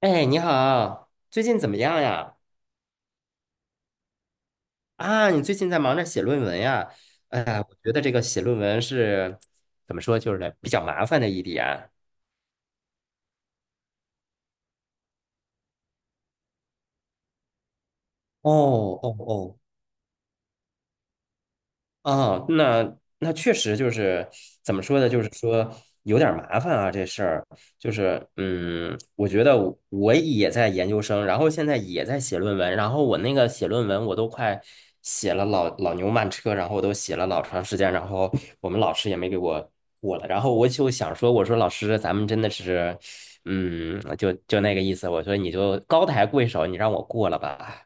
哎，你好，最近怎么样呀？啊，你最近在忙着写论文呀？哎呀，我觉得这个写论文是怎么说，就是比较麻烦的一点。哦哦哦。啊，那确实就是怎么说呢？就是说有点儿麻烦啊，这事儿就是我觉得我也在研究生，然后现在也在写论文，然后我那个写论文我都快写了老老牛慢车，然后我都写了老长时间，然后我们老师也没给我过了，然后我就想说，我说老师，咱们真的是就那个意思，我说你就高抬贵手，你让我过了吧。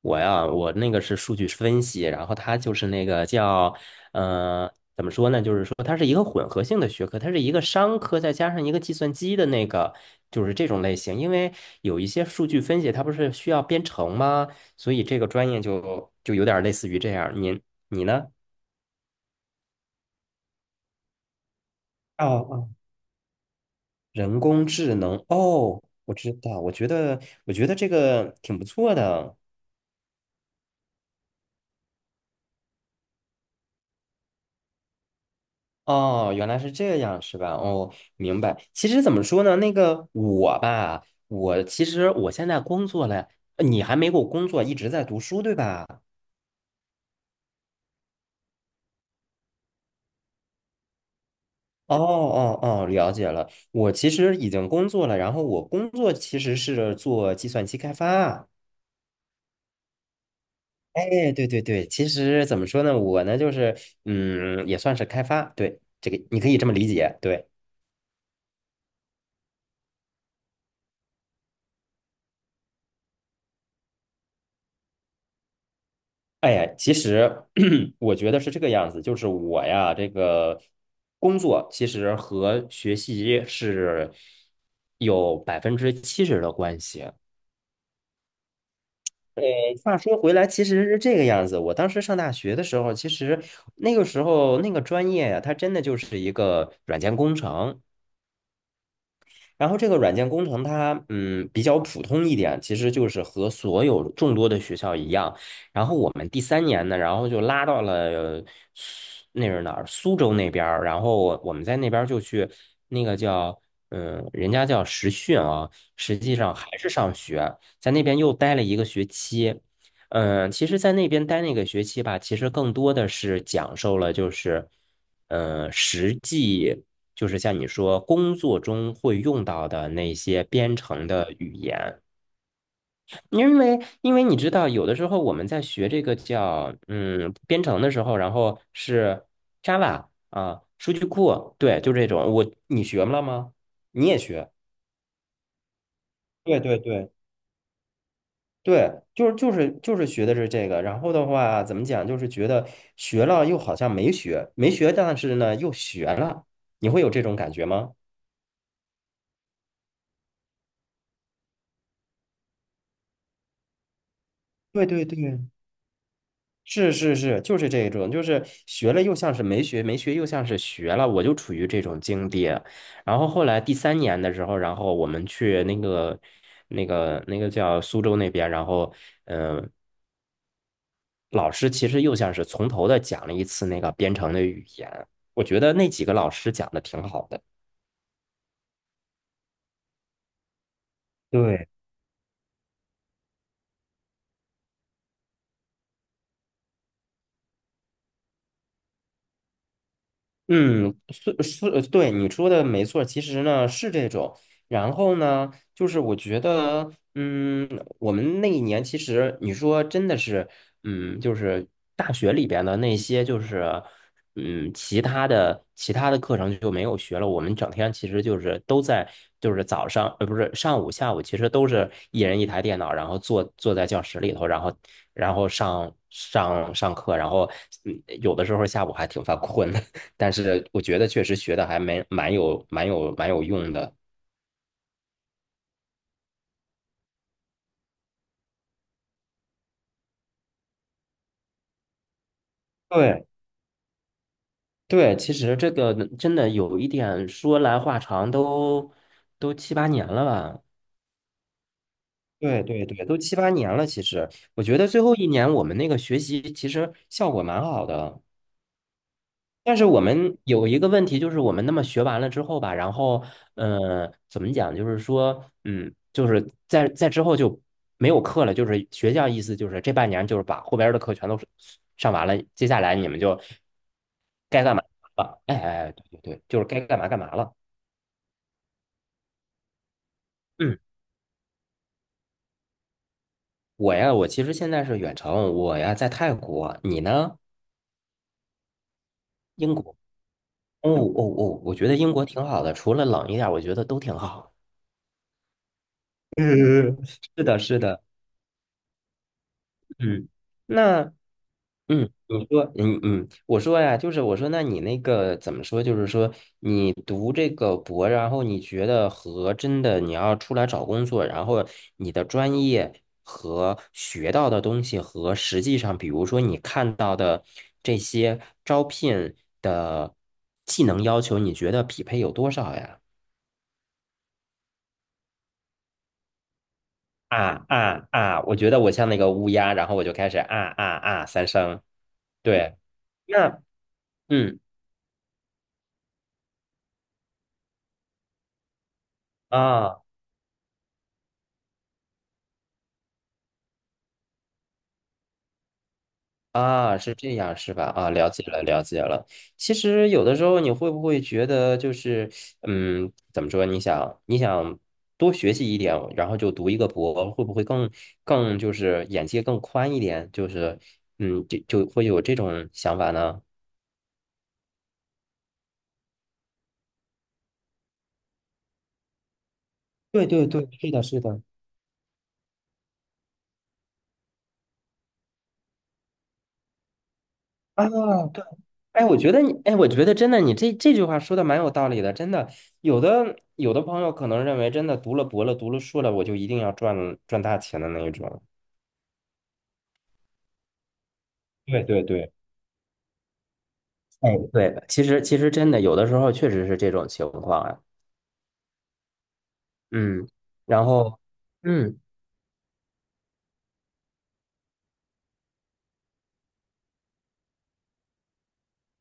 我呀，我那个是数据分析，然后它就是那个叫，怎么说呢？就是说它是一个混合性的学科，它是一个商科再加上一个计算机的那个，就是这种类型。因为有一些数据分析，它不是需要编程吗？所以这个专业就有点类似于这样。您你呢？哦哦，人工智能，哦，我知道，我觉得这个挺不错的。哦，原来是这样，是吧？哦，明白。其实怎么说呢，那个我吧，我其实现在工作了，你还没给我工作，一直在读书，对吧？哦哦哦，了解了。我其实已经工作了，然后我工作其实是做计算机开发。哎，对对对，其实怎么说呢，我呢就是，也算是开发，对，这个你可以这么理解，对。哎呀，其实 我觉得是这个样子，就是我呀，这个工作其实和学习是有百分之七十的关系。呃，话说回来，其实是这个样子。我当时上大学的时候，其实那个时候那个专业呀，它真的就是一个软件工程。然后这个软件工程它比较普通一点，其实就是和所有众多的学校一样。然后我们第三年呢，然后就拉到了苏那是哪儿？苏州那边儿。然后我们在那边儿就去那个叫人家叫实训啊，实际上还是上学，在那边又待了一个学期。嗯，其实，在那边待那个学期吧，其实更多的是讲授了，就是，实际就是像你说工作中会用到的那些编程的语言，因为你知道，有的时候我们在学这个叫编程的时候，然后是 Java 啊，数据库，对，就这种。我你学了吗？你也学？对对对对，就是学的是这个，然后的话怎么讲，就是觉得学了又好像没学，没学，但是呢又学了，你会有这种感觉吗？对对对，是是是，就是这种，就是学了又像是没学，没学又像是学了，我就处于这种境地。然后后来第三年的时候，然后我们去那个叫苏州那边，然后嗯、呃老师其实又像是从头的讲了一次那个编程的语言，我觉得那几个老师讲的挺好的。对。嗯，是是，对你说的没错，其实呢是这种。然后呢，就是我觉得，我们那一年其实你说真的是，嗯，就是大学里边的那些，就是，其他的课程就没有学了。我们整天其实就是都在，就是早上，不是上午、下午，其实都是一人一台电脑，然后坐在教室里头，然后然后上课，然后有的时候下午还挺犯困的。但是我觉得确实学的还蛮有用的。对对，其实这个真的有一点说来话长都，都七八年了吧？对对对，都七八年了。其实我觉得最后一年我们那个学习其实效果蛮好的。但是我们有一个问题，就是我们那么学完了之后吧，然后，怎么讲？就是说，就是在之后就没有课了，就是学校意思就是这半年就是把后边儿的课全都是上完了，接下来你们就该干嘛了？哎哎，哎对对对，就是该干嘛干嘛了。嗯，我呀，我其实现在是远程，我呀在泰国，你呢？英国。哦哦哦，我觉得英国挺好的，除了冷一点儿我觉得都挺好。嗯，是的，是的。嗯，那嗯，你说嗯嗯，我说呀，就是我说，那你那个怎么说？就是说，你读这个博，然后你觉得和真的你要出来找工作，然后你的专业和学到的东西和实际上，比如说你看到的这些招聘的技能要求，你觉得匹配有多少呀？啊啊啊！我觉得我像那个乌鸦，然后我就开始啊啊啊三声。对，那嗯。啊啊，是这样是吧？啊，了解了，了解了。其实有的时候你会不会觉得就是，怎么说？你想，你想多学习一点，然后就读一个博，会不会更就是眼界更宽一点？就是，嗯，就就会有这种想法呢？对对对，是的，是的。啊，对，哎，我觉得你，哎，我觉得真的，你这句话说的蛮有道理的，真的。有的朋友可能认为，真的读了博了，读了硕了，我就一定要赚大钱的那一种。对对对，哎，对，其实真的有的时候确实是这种情况啊，嗯，然后，嗯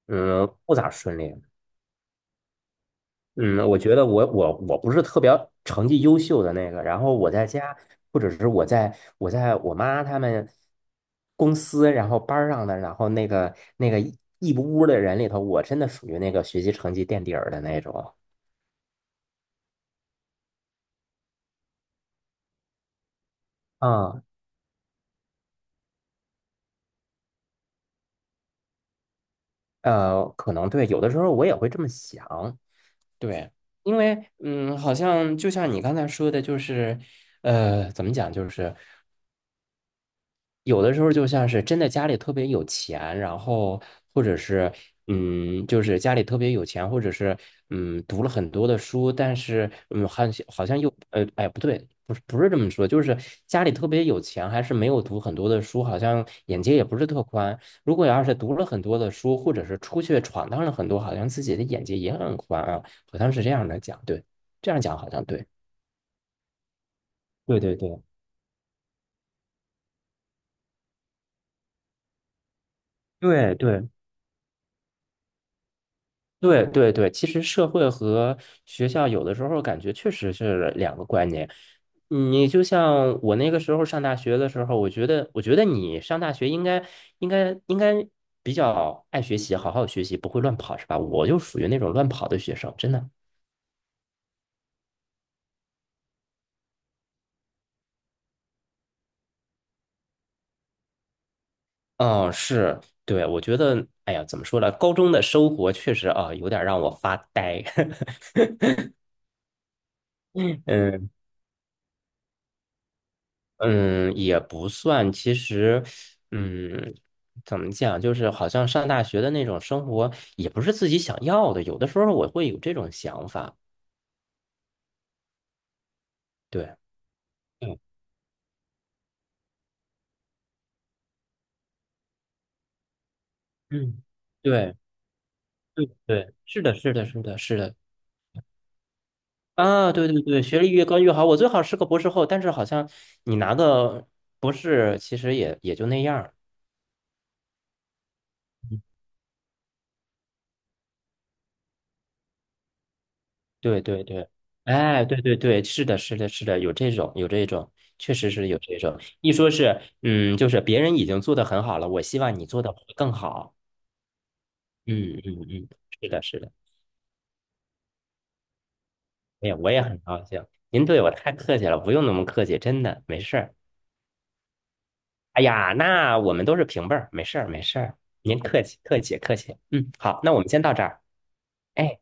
嗯，不咋顺利。嗯，我觉得我不是特别成绩优秀的那个，然后我在家或者是我在我妈他们公司，然后班儿上的，然后那个一屋的人里头，我真的属于那个学习成绩垫底儿的那种。啊，可能对，有的时候我也会这么想。对，因为好像就像你刚才说的，就是，怎么讲，就是，有的时候就像是真的家里特别有钱，然后或者是就是家里特别有钱，或者是读了很多的书，但是好像又哎不对，不是这么说，就是家里特别有钱，还是没有读很多的书，好像眼界也不是特宽。如果要是读了很多的书，或者是出去闯荡了很多，好像自己的眼界也很宽啊，好像是这样的讲，对，这样讲好像对，对对对对对。对对对，其实社会和学校有的时候感觉确实是两个观念。你就像我那个时候上大学的时候，我觉得，我觉得你上大学应该比较爱学习，好好学习，不会乱跑，是吧？我就属于那种乱跑的学生，真的。嗯，是，对，我觉得，哎呀，怎么说呢？高中的生活确实啊，有点让我发呆。嗯。嗯，也不算。其实，嗯，怎么讲，就是好像上大学的那种生活，也不是自己想要的。有的时候我会有这种想法。对，嗯嗯，对对对，是的，是的，是的，是的。啊，对对对，学历越高越好。我最好是个博士后，但是好像你拿个博士，其实也就那样儿。对对对，哎，对对对，是的，是的，是的，有这种，有这种，确实是有这种。一说是，就是别人已经做的很好了，我希望你做的会更好。嗯嗯嗯，是的，是的，哎呀，我也很高兴。您对我太客气了，不用那么客气，真的没事儿。哎呀，那我们都是平辈儿，没事儿没事儿，您客气客气客气。嗯，好，那我们先到这儿。哎。